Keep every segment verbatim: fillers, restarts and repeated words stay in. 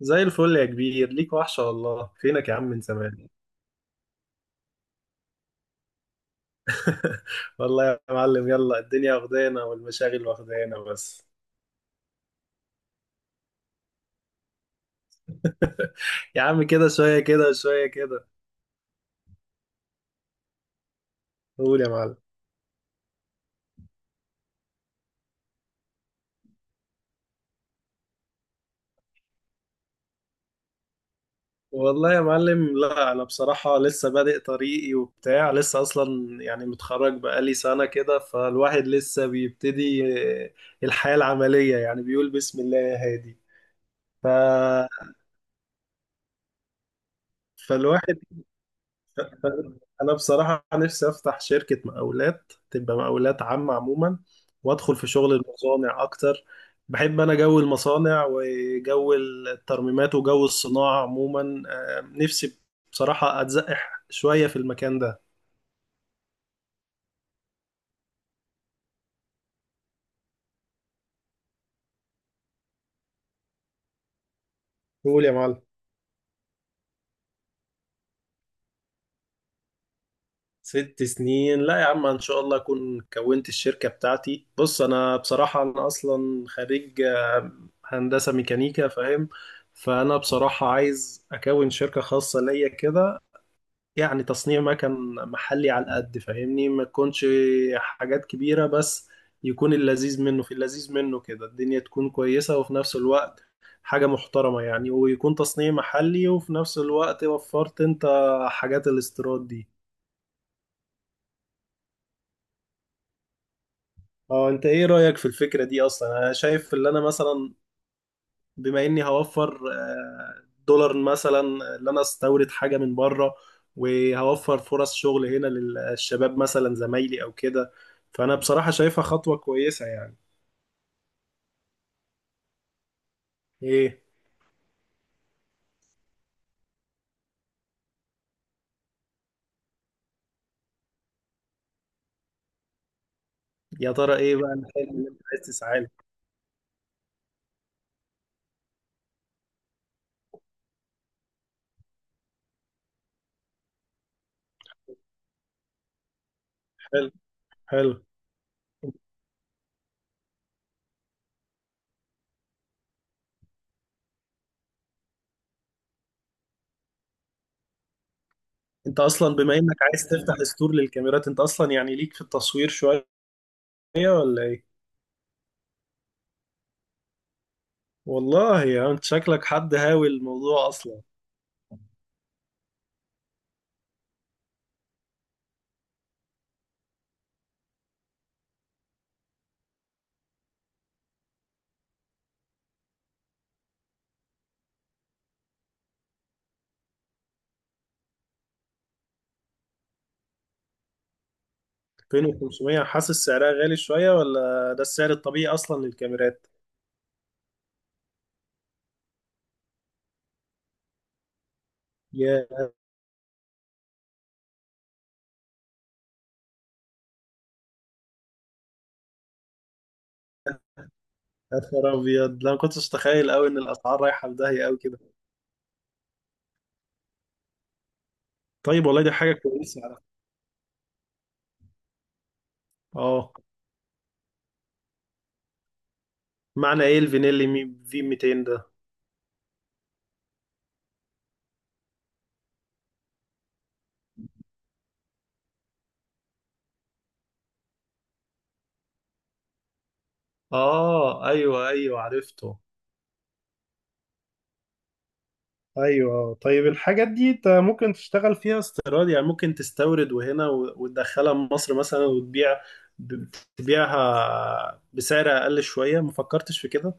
زي الفل يا كبير، ليك وحشة والله. فينك يا عم من زمان؟ والله يا معلم، يلا الدنيا واخدانا والمشاغل واخدانا بس. يا عم كده، شوية كده وشوية كده. قول يا معلم. والله يا معلم، لا أنا بصراحة لسه بادئ طريقي وبتاع، لسه أصلا يعني متخرج بقالي سنة كده، فالواحد لسه بيبتدي آه، الحياة العملية، يعني بيقول بسم الله يا هادي. ف... فالواحد انا بصراحه نفسي افتح شركه مقاولات، تبقى مقاولات عامه عموما، وادخل في شغل المصانع اكتر. بحب انا جو المصانع وجو الترميمات وجو الصناعه عموما. آه، نفسي بصراحه اتزقح شويه في المكان ده. قول يا معلم. ست سنين؟ لا يا عم، ان شاء الله اكون كونت الشركه بتاعتي. بص، انا بصراحه انا اصلا خريج آه، هندسه ميكانيكا، فاهم. فانا بصراحه عايز اكون شركه خاصه ليا كده، يعني تصنيع مكن محلي على قد فاهمني، ما تكونش حاجات كبيرة، بس يكون اللذيذ منه في اللذيذ منه كده، الدنيا تكون كويسة وفي نفس الوقت حاجة محترمة يعني، ويكون تصنيع محلي وفي نفس الوقت وفرت انت حاجات الاستيراد دي. اه، انت ايه رأيك في الفكرة دي اصلا؟ انا شايف اللي انا مثلا بما اني هوفر آه، دولار مثلا، اللي انا استورد حاجه من بره، وهوفر فرص شغل هنا للشباب مثلا زمايلي او كده، فانا بصراحه شايفها خطوه كويسه يعني. ايه؟ يا ترى ايه بقى الحلم اللي انت عايز تسعى له؟ حلو حلو. انت اصلا بما انك عايز تفتح ستور للكاميرات، انت اصلا يعني ليك في التصوير شويه ولا ايه؟ والله يا، انت شكلك حد هاوي الموضوع اصلا. ألفين وخمسمائة؟ حاسس سعرها غالي شويه ولا ده السعر الطبيعي اصلا للكاميرات؟ ياه. يا نهار ابيض، لا ما كنتش اتخيل قوي ان الاسعار رايحه في داهيه قوي كده. طيب والله دي حاجه كويسه على فكرة. اه، معنى ايه الفينيلي مي في ميتين ده؟ اه ايوه ايوه عرفته. ايوه آه. طيب الحاجات دي انت ممكن تشتغل فيها استيراد، يعني ممكن تستورد وهنا و- وتدخلها مصر مثلا وتبيع ب- تبيعها بسعر اقل شويه، ما فكرتش في كده؟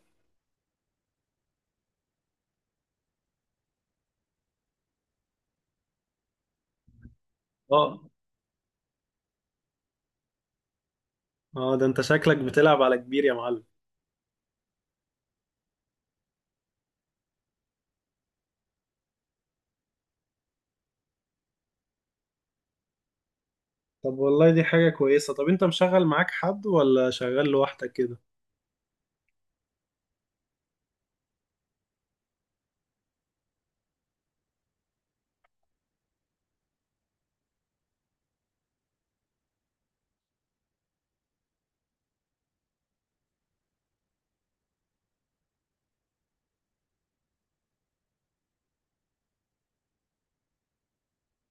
اه اه، ده انت شكلك بتلعب على كبير يا معلم. طب والله دي حاجة كويسة. طب انت مشغل معاك حد ولا شغال لوحدك كده؟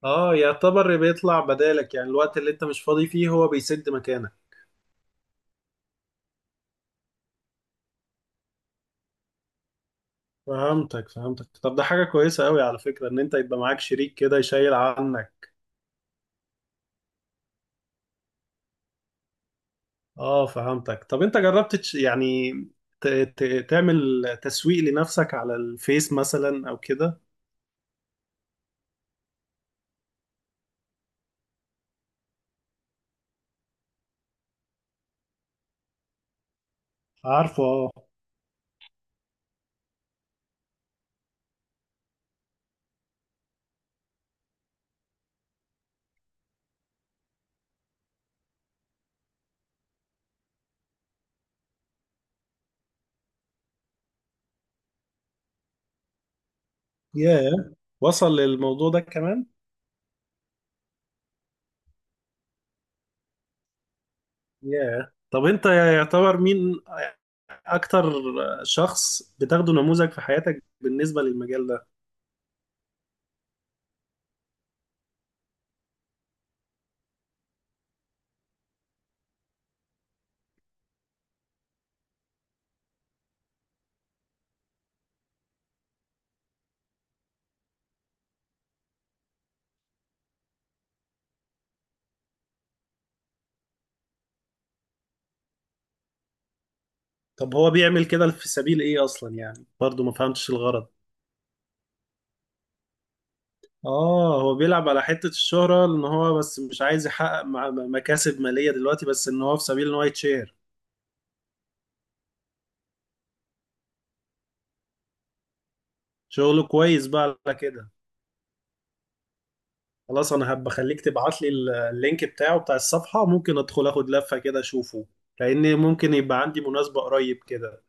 اه يعتبر بيطلع بدالك يعني، الوقت اللي انت مش فاضي فيه هو بيسد مكانك. فهمتك فهمتك. طب ده حاجة كويسة قوي على فكرة ان انت يبقى معاك شريك كده يشيل عنك. اه فهمتك. طب انت جربت تش- يعني ت... ت... تعمل تسويق لنفسك على الفيس مثلا او كده؟ عارفه اه. ياه، وصل للموضوع ده كمان؟ ياه. طب انت يعتبر مين اكتر شخص بتاخده نموذج في حياتك بالنسبة للمجال ده؟ طب هو بيعمل كده في سبيل ايه اصلا يعني؟ برضو ما فهمتش الغرض. اه، هو بيلعب على حتة الشهرة، ان هو بس مش عايز يحقق مع- م- مكاسب مالية دلوقتي، بس ان هو في سبيل ان هو يتشير. شغله كويس بقى على كده. خلاص، انا هبقى خليك تبعت لي ال- اللينك بتاعه بتاع الصفحة، ممكن ادخل اخد لفة كده اشوفه، لان ممكن يبقى عندي مناسبة قريب كده.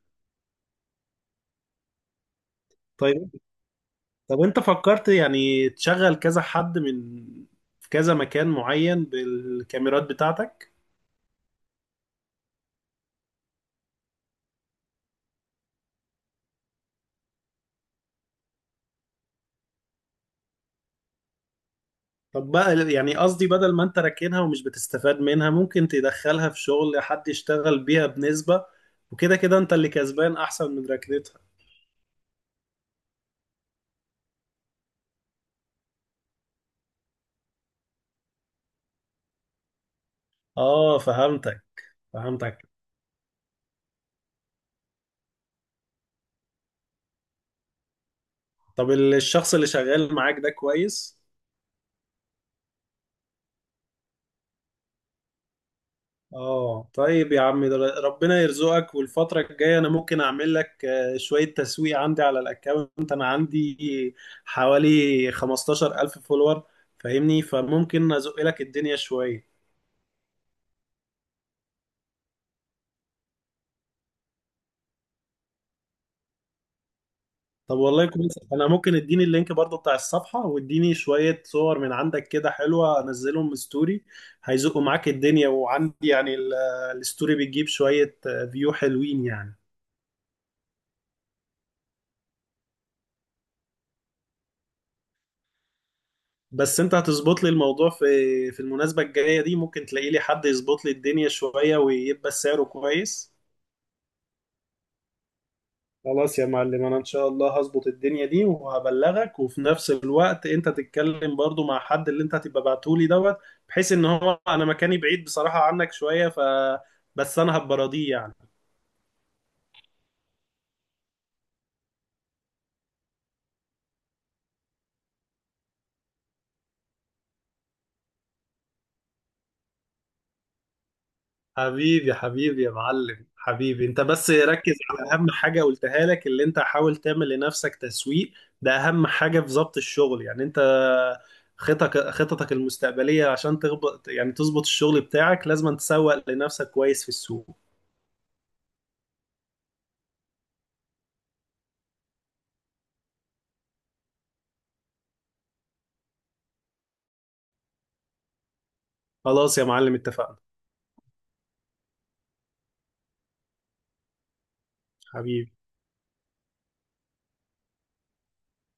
طيب. طب انت فكرت يعني تشغل كذا حد من، في كذا مكان معين، بالكاميرات بتاعتك؟ طب بقى يعني قصدي، بدل ما انت راكنها ومش بتستفاد منها، ممكن تدخلها في شغل حد يشتغل بيها بنسبة، وكده كده انت اللي كسبان احسن من ركنتها. اه فهمتك فهمتك. طب ال- الشخص اللي شغال معاك ده كويس؟ اه طيب يا عم، ده ربنا يرزقك. والفترة الجاية انا ممكن اعمل لك آه، شوية تسويق عندي على الاكونت، انا عندي حوالي خمستاشر ألف فولور فاهمني، فممكن ازق لك الدنيا شوية. طب والله كويس، انا ممكن اديني اللينك برضو بتاع الصفحة، واديني شوية صور من عندك كده حلوة، انزلهم من ستوري، هيزقوا معاك الدنيا. وعندي يعني ال- الستوري بتجيب شوية فيو حلوين يعني. بس انت هتظبط لي الموضوع في في المناسبة الجاية دي، ممكن تلاقي لي حد يظبط لي الدنيا شوية ويبقى سعره كويس. خلاص يا معلم، انا ان شاء الله هظبط الدنيا دي وهبلغك، وفي نفس الوقت انت تتكلم برضو مع حد اللي انت هتبقى بعتولي دوت، بحيث ان هو انا مكاني بعيد بصراحة عنك شوية، ف بس انا هبقى راضيه يعني. حبيبي حبيبي يا معلم، حبيبي انت، بس ركز على اهم حاجة قلتها لك، اللي انت حاول تعمل لنفسك تسويق، ده اهم حاجة في ضبط الشغل يعني. انت خططك خططك المستقبلية، عشان تغبط يعني تظبط الشغل بتاعك، لازم تسوق لنفسك كويس في السوق. خلاص يا معلم اتفقنا. حبيبي.